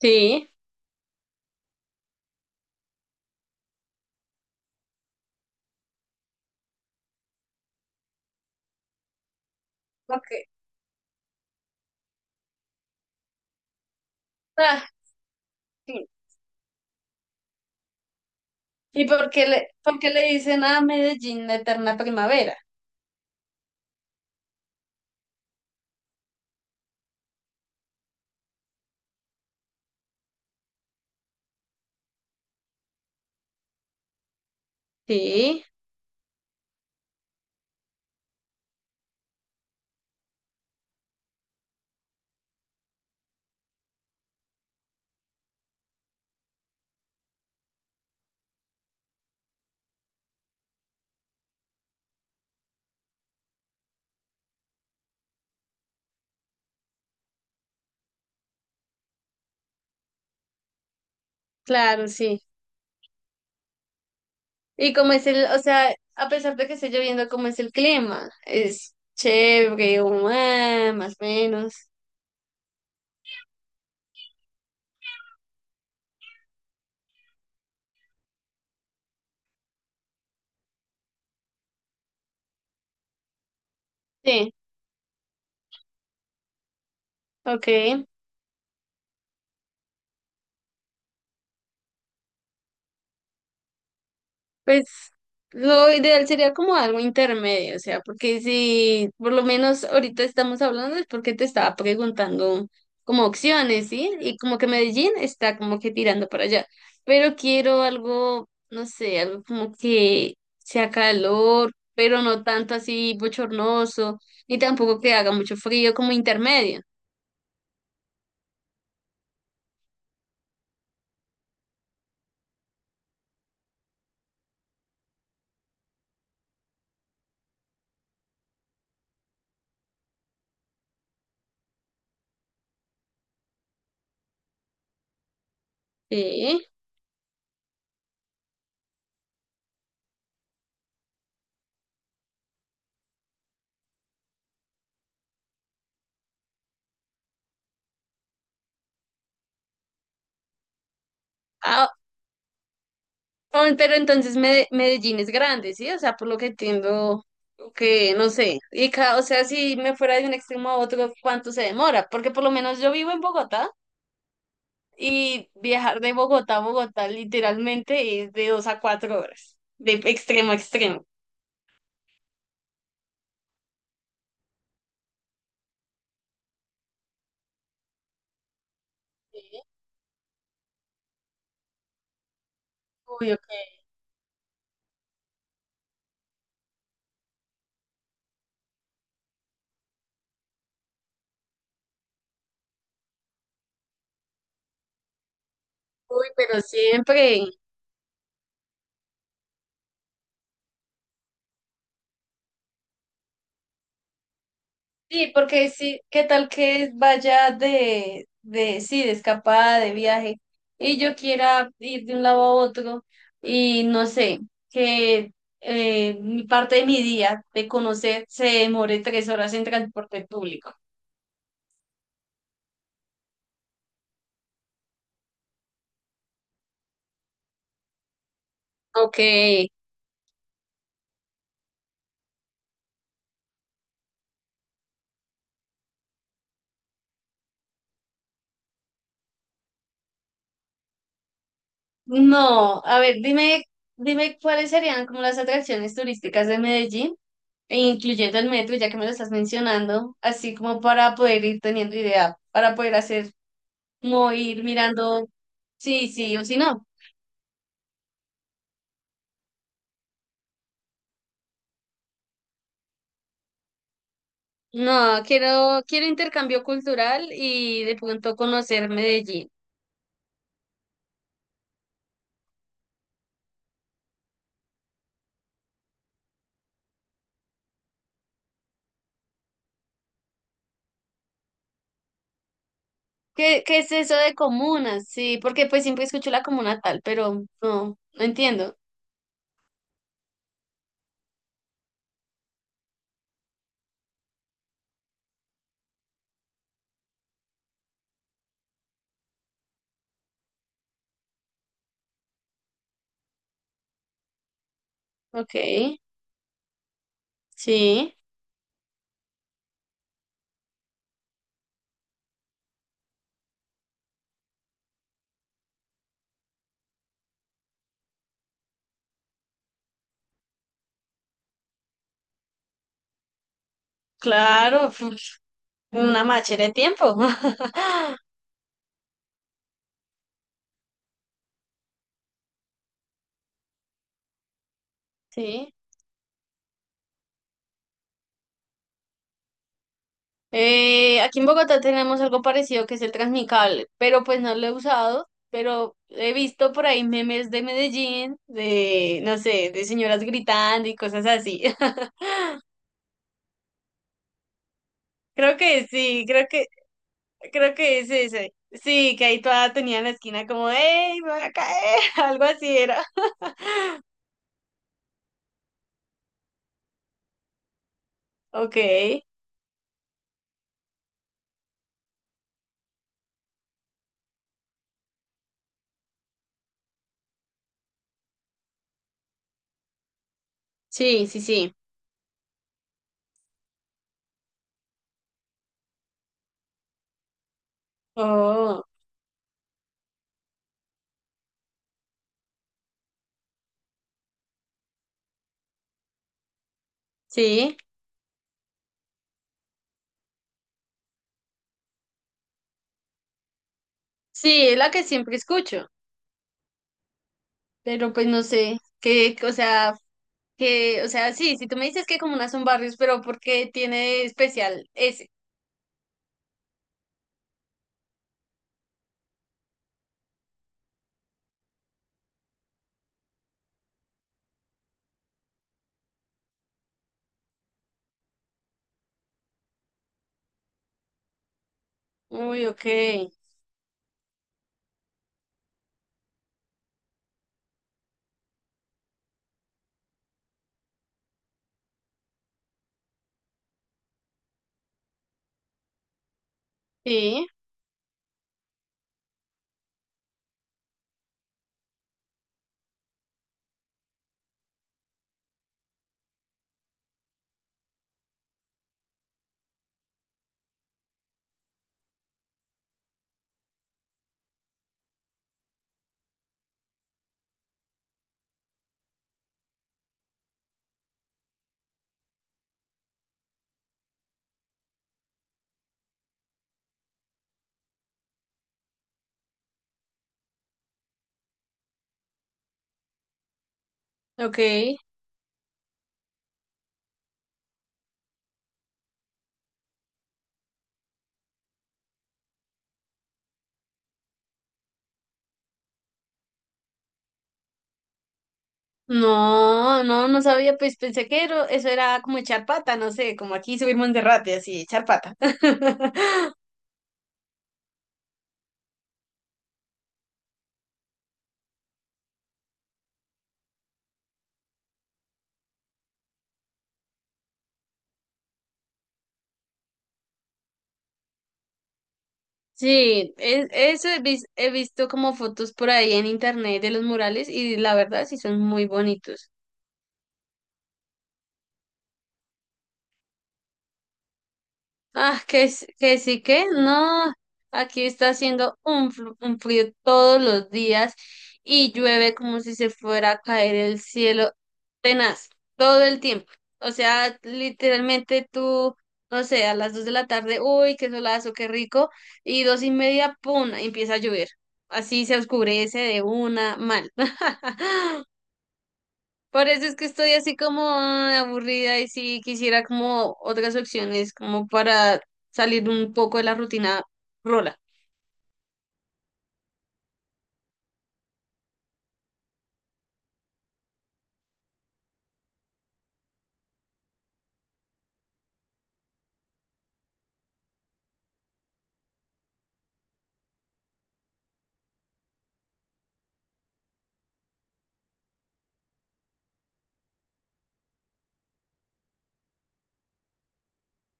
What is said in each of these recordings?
Sí. Porque, ah, sí. ¿Y por qué le dicen a Medellín la eterna primavera? Sí, claro, sí. ¿Y como es el, o sea, a pesar de que esté lloviendo, como es el clima? ¿Es chévere, o, ah, más o menos? Sí, ok. Pues lo ideal sería como algo intermedio, o sea, porque si por lo menos ahorita estamos hablando es porque te estaba preguntando como opciones, ¿sí? Y como que Medellín está como que tirando para allá, pero quiero algo, no sé, algo como que sea calor, pero no tanto así bochornoso, ni tampoco que haga mucho frío, como intermedio, ¿sí? Ah, oh, pero entonces Medellín es grande, ¿sí? O sea, por lo que entiendo, que no sé. Y o sea, si me fuera de un extremo a otro, ¿cuánto se demora? Porque por lo menos yo vivo en Bogotá y viajar de Bogotá a Bogotá literalmente es de 2 a 4 horas, de extremo a extremo. Uy, ok. Uy, pero siempre. Sí, porque sí, ¿qué tal que vaya sí, de escapada, de viaje, y yo quiera ir de un lado a otro, y no sé, que mi parte de mi día de conocer se demore 3 horas en transporte público? Ok, no, a ver, dime, dime cuáles serían como las atracciones turísticas de Medellín, e incluyendo el metro, ya que me lo estás mencionando, así como para poder ir teniendo idea, para poder hacer, como ir mirando. Sí, sí, o si no. No, quiero, quiero intercambio cultural y de pronto conocer Medellín. ¿Qué, qué es eso de comunas? Sí, porque pues siempre escucho la comuna tal, pero no, no entiendo. Ok, sí, claro, una machera de tiempo. Sí. Aquí en Bogotá tenemos algo parecido que es el Transmicable, pero pues no lo he usado, pero he visto por ahí memes de Medellín, de, no sé, de señoras gritando y cosas así. Creo que sí, creo que es ese. Sí, que ahí toda tenía en la esquina como, ¡Ey, me voy a caer! Algo así era. Ok, sí, sí, sí. Oh, sí, sí, es la que siempre escucho, pero pues no sé, que, o sea, sí, si tú me dices que comunas son barrios, pero ¿por ¿qué tiene de especial ese? Uy, ok, sí, ok. No, no, no sabía, pues pensé que eso era como echar pata, no sé, como aquí subir Monserrate, así, echar pata. Sí, eso he visto como fotos por ahí en internet de los murales y la verdad sí son muy bonitos. Ah, que, que sí, que no. Aquí está haciendo un, un frío todos los días y llueve como si se fuera a caer el cielo, tenaz todo el tiempo. O sea, literalmente tú, no sé, a las 2 de la tarde, uy, qué solazo, qué rico, y dos y media, pum, empieza a llover. Así se oscurece de una mal. Por eso es que estoy así como ah, aburrida y sí quisiera como otras opciones, como para salir un poco de la rutina rola.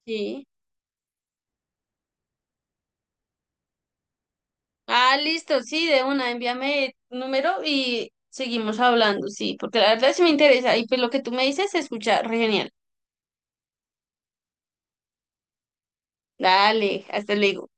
Sí. Ah, listo, sí, de una, envíame el número y seguimos hablando, sí, porque la verdad sí me interesa y pues lo que tú me dices se escucha re genial. Dale, hasta luego.